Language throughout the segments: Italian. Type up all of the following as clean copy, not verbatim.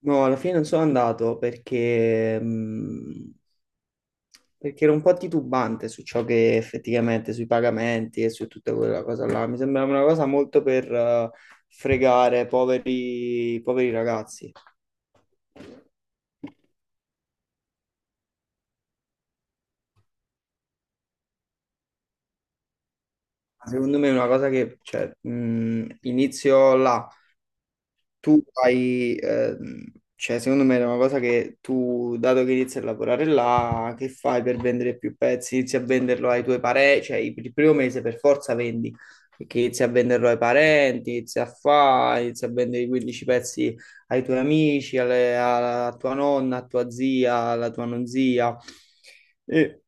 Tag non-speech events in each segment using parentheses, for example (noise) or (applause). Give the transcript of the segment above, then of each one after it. No, alla fine non sono andato perché ero un po' titubante su ciò che effettivamente, sui pagamenti e su tutta quella cosa là. Mi sembrava una cosa molto per fregare poveri, poveri ragazzi. Secondo me è una cosa che cioè, inizio là. Tu hai, cioè secondo me è una cosa che tu, dato che inizi a lavorare là, che fai per vendere più pezzi? Inizi a venderlo ai tuoi parenti, cioè il primo mese per forza vendi, perché inizi a venderlo ai parenti, inizi a fare, inizi a vendere i 15 pezzi ai tuoi amici, alla tua nonna, a tua zia, alla tua non zia. E,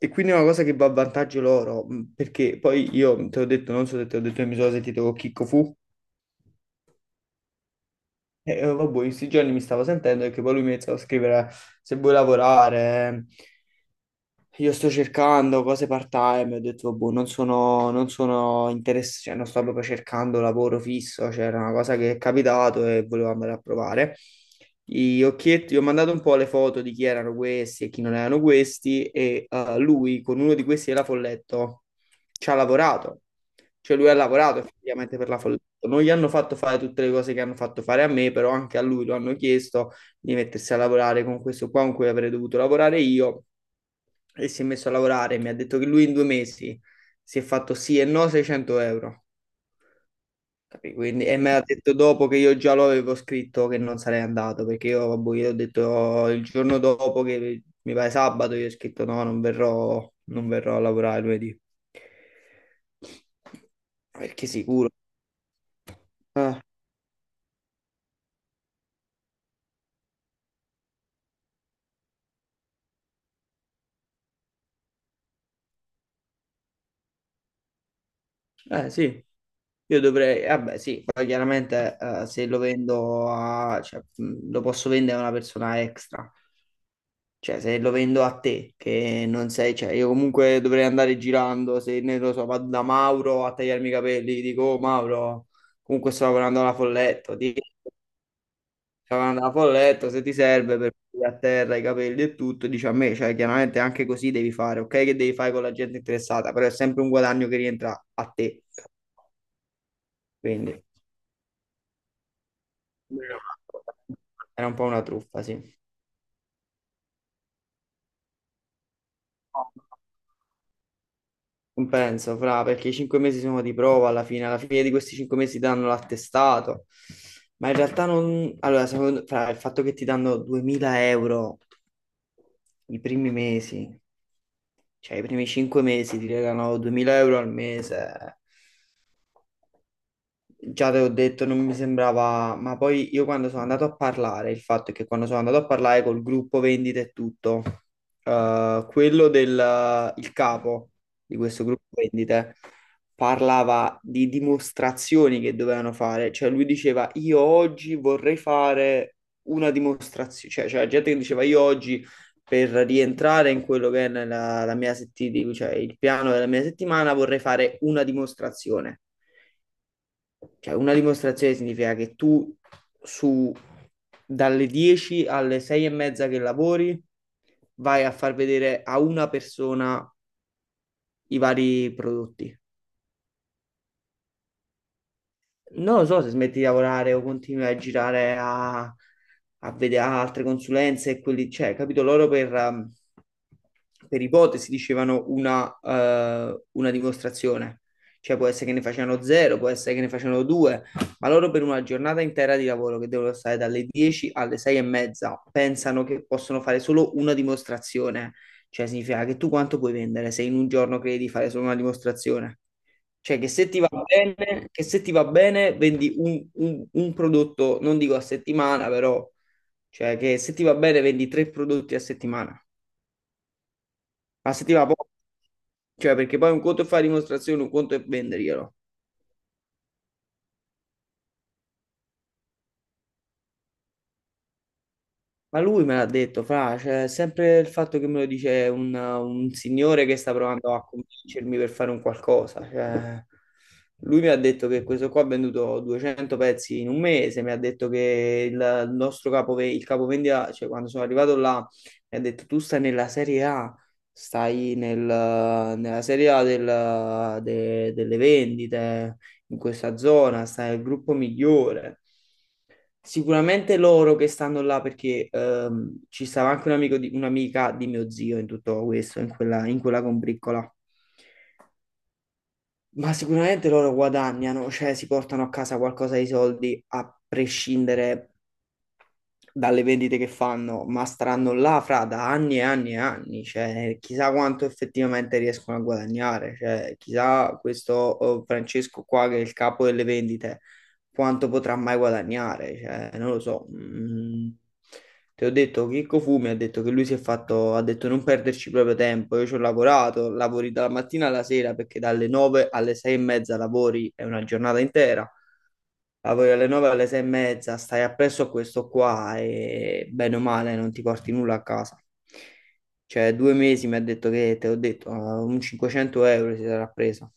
e quindi è una cosa che va a vantaggio loro, perché poi io te l'ho detto, non so se te l'ho detto, io mi sono sentito con Chicco Fu. E vabbè, in questi giorni mi stavo sentendo e che poi lui mi iniziava a scrivere se vuoi lavorare, io sto cercando cose part-time, ho detto, boh, non sono interessato, cioè non sto proprio cercando lavoro fisso, cioè era una cosa che è capitato e volevo andare a provare. Gli occhietti, gli ho mandato un po' le foto di chi erano questi e chi non erano questi e lui con uno di questi della Folletto ci ha lavorato, cioè lui ha lavorato effettivamente per la Folletto. Non gli hanno fatto fare tutte le cose che hanno fatto fare a me, però anche a lui lo hanno chiesto di mettersi a lavorare con questo qua con cui avrei dovuto lavorare io e si è messo a lavorare. Mi ha detto che lui in 2 mesi si è fatto sì e no 600 euro. Capì? Quindi, e me l'ha detto dopo che io già lo avevo scritto che non sarei andato perché io, vabbè, io ho detto il giorno dopo che mi pare sabato, io ho scritto no, non verrò, non verrò a lavorare lunedì. Perché sicuro. Ah, eh sì, io dovrei, vabbè sì, poi chiaramente se lo vendo a, cioè, lo posso vendere a una persona extra. Cioè, se lo vendo a te, che non sei, cioè, io comunque dovrei andare girando, se ne lo so, vado da Mauro a tagliarmi i capelli, gli dico, oh Mauro, comunque sto lavorando alla Folletto, ti sto lavorando alla Folletto, se ti serve per pulire a terra i capelli e tutto, dici a me, cioè, chiaramente anche così devi fare, ok, che devi fare con la gente interessata, però è sempre un guadagno che rientra a te, quindi era un po' una truffa, sì. Non penso, fra, perché i 5 mesi sono di prova alla fine di questi 5 mesi danno l'attestato, ma in realtà non... Allora, fra, il fatto che ti danno 2000 euro i primi mesi, cioè i primi 5 mesi ti regalano 2000 euro al mese. Già te ho detto, non mi sembrava, ma poi io quando sono andato a parlare, il fatto è che quando sono andato a parlare col gruppo vendite e tutto, quello del il capo di questo gruppo vendite parlava di dimostrazioni che dovevano fare, cioè lui diceva io oggi vorrei fare una dimostrazione, cioè c'era gente che diceva io oggi per rientrare in quello che è nella, la mia settimana, cioè il piano della mia settimana vorrei fare una dimostrazione. Cioè, una dimostrazione significa che tu su dalle 10 alle 6 e mezza che lavori vai a far vedere a una persona i vari prodotti. Non lo so se smetti di lavorare o continui a girare a vedere altre consulenze e quelli, cioè, capito? Loro per, per ipotesi dicevano una dimostrazione. Cioè può essere che ne facevano zero, può essere che ne facevano due, ma loro per una giornata intera di lavoro che devono stare dalle 10 alle 6 e mezza pensano che possono fare solo una dimostrazione. Cioè significa che tu quanto puoi vendere se in un giorno credi di fare solo una dimostrazione? Cioè, che se ti va bene, che se ti va bene, vendi un prodotto, non dico a settimana, però, cioè, che se ti va bene, vendi tre prodotti a settimana. Ma se ti va poco, cioè, perché poi un conto è fare dimostrazione, un conto è venderglielo. Ma lui me l'ha detto, fra, cioè, sempre il fatto che me lo dice un signore che sta provando a convincermi per fare un qualcosa. Cioè, lui mi ha detto che questo qua ha venduto 200 pezzi in un mese, mi ha detto che il nostro capo, il capovendita, cioè quando sono arrivato là, mi ha detto tu stai nella Serie A, stai nella Serie A delle vendite in questa zona, sta nel gruppo migliore. Sicuramente loro che stanno là perché ci stava anche un amico di, un'amica di mio zio in tutto questo, in quella, combriccola. Ma sicuramente loro guadagnano, cioè si portano a casa qualcosa di soldi a prescindere dalle vendite che fanno, ma staranno là fra da anni e anni e anni, cioè chissà quanto effettivamente riescono a guadagnare, cioè chissà questo Francesco qua che è il capo delle vendite quanto potrà mai guadagnare, cioè non lo so. Mm. Ti ho detto, Chicco Fumi ha detto che lui si è fatto, ha detto non perderci proprio tempo, io ci ho lavorato, lavori dalla mattina alla sera perché dalle 9 alle 6 e mezza lavori, è una giornata intera. Lavori alle 9 alle 6 e mezza, stai appresso a questo qua e bene o male non ti porti nulla a casa. Cioè, 2 mesi mi ha detto che, te l'ho detto, un 500 euro si sarà preso.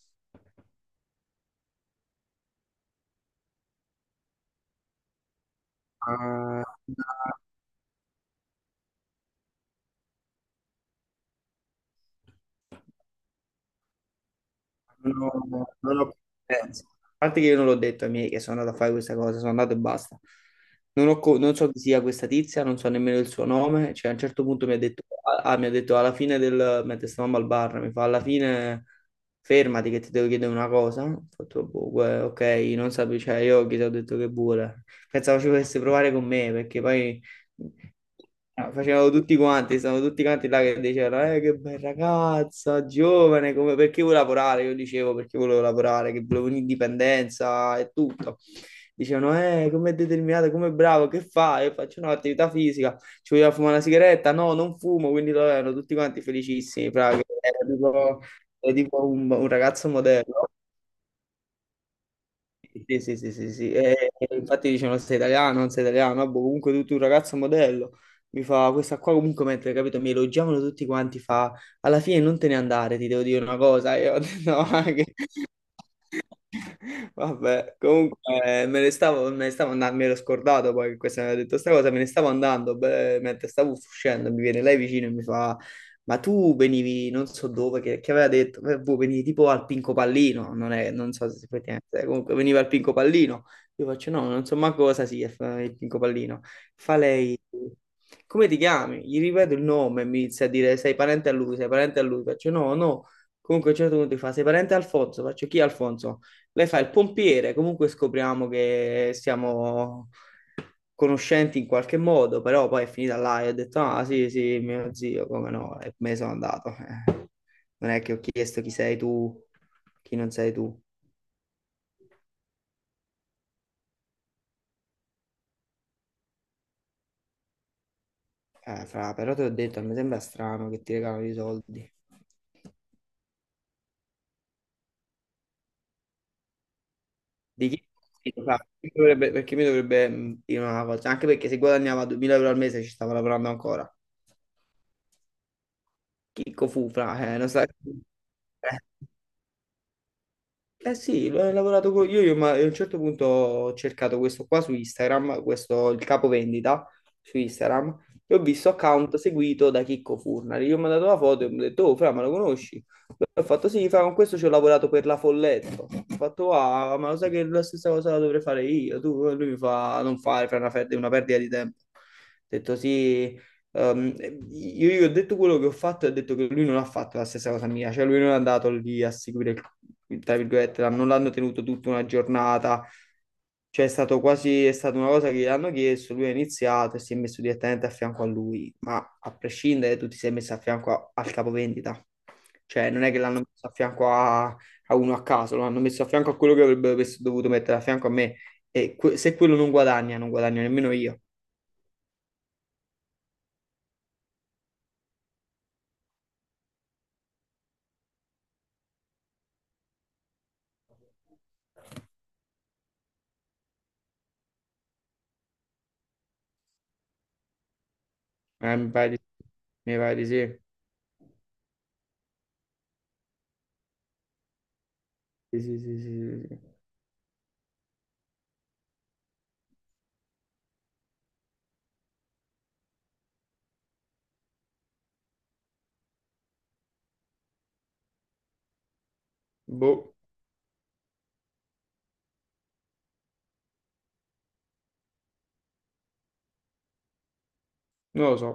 Ah, non ho, non ho competenze. A parte che io non l'ho detto ai miei che sono andato a fare questa cosa, sono andato e basta. Non ho co- Non so chi sia questa tizia, non so nemmeno il suo nome. Cioè, a un certo punto mi ha detto, ah, mi ha detto alla fine mentre stavamo al bar, mi fa alla fine fermati che ti devo chiedere una cosa. Ho fatto, boh, ok, non sapevo, cioè io gli ho detto che vuole. Pensavo ci volesse provare con me, Ah, facevano tutti quanti, stavano tutti quanti là che dicevano, che bella ragazza, giovane, come, perché vuoi lavorare? Io dicevo, perché volevo lavorare, che volevo un'indipendenza e tutto. Dicevano, come determinato, come bravo, che fai? Io faccio no, attività fisica, ci vogliamo fumare una sigaretta? No, non fumo, quindi lo erano tutti quanti felicissimi, fra, che era tipo un ragazzo modello. Sì, sì, sì, sì, sì. E infatti dicevano sei italiano, non sei italiano, ah, boh, comunque tu, tu un ragazzo modello, mi fa questa qua comunque mentre, capito, mi elogiavano tutti quanti, fa alla fine non te ne andare, ti devo dire una cosa, e io ho detto no, (laughs) Vabbè, comunque me ne stavo andando, mi ero scordato poi che questa mi aveva detto sta cosa, me ne stavo andando, beh, mentre stavo uscendo mi viene lei vicino e mi fa, ma tu venivi non so dove, che aveva detto, boh, venivi tipo al Pinco Pallino, non, è, non so se si può dire, comunque veniva al Pinco Pallino, io faccio no, non so ma cosa sia il Pinco Pallino, fa lei, come ti chiami? Gli ripeto il nome e mi inizia a dire sei parente a lui, sei parente a lui, faccio no, no, comunque a un certo punto mi fa sei parente a Alfonso, faccio chi è Alfonso? Lei fa il pompiere, comunque scopriamo che siamo conoscenti in qualche modo, però poi è finita là e ho detto, ah sì, sì, mio zio, come no, e me ne sono andato. Non è che ho chiesto chi sei tu, chi non sei tu. Fra, però ti ho detto, mi sembra strano che ti regalano i soldi. Di chi? Sì, fra, perché mi dovrebbe dire una cosa? Anche perché se guadagnava 2000 euro al mese ci stavo lavorando ancora. Chicco fu, fra, non sai. Eh sì, ho lavorato con io, ma a un certo punto ho cercato questo qua su Instagram, questo il capo vendita su Instagram, e ho visto account seguito da Chicco Furnari. Io mi ho mandato la foto e mi ho detto, oh, Fra, ma lo conosci? Ho fatto sì, Fra, con questo ci ho lavorato per la Folletto. Ho fatto, ah, ma lo sai che la stessa cosa la dovrei fare io? Tu, e lui mi fa, non fare, Fra, è una è una perdita di tempo. Ho detto sì, e io gli ho detto quello che ho fatto e ho detto che lui non ha fatto la stessa cosa mia, cioè lui non è andato lì a seguire, tra virgolette, non l'hanno tenuto tutta una giornata, cioè è stato quasi, è stata una cosa che gli hanno chiesto, lui ha iniziato e si è messo direttamente a fianco a lui, ma a prescindere tu ti sei messo a fianco al capovendita, cioè non è che l'hanno messo a fianco a, uno a caso, l'hanno messo a fianco a quello che avrebbero dovuto mettere a fianco a me e se quello non guadagna, non guadagno nemmeno io. Eh, mi pare di mi pare di sì. Sì, sì, sì, sì, sì. Sì. Boh, non lo so.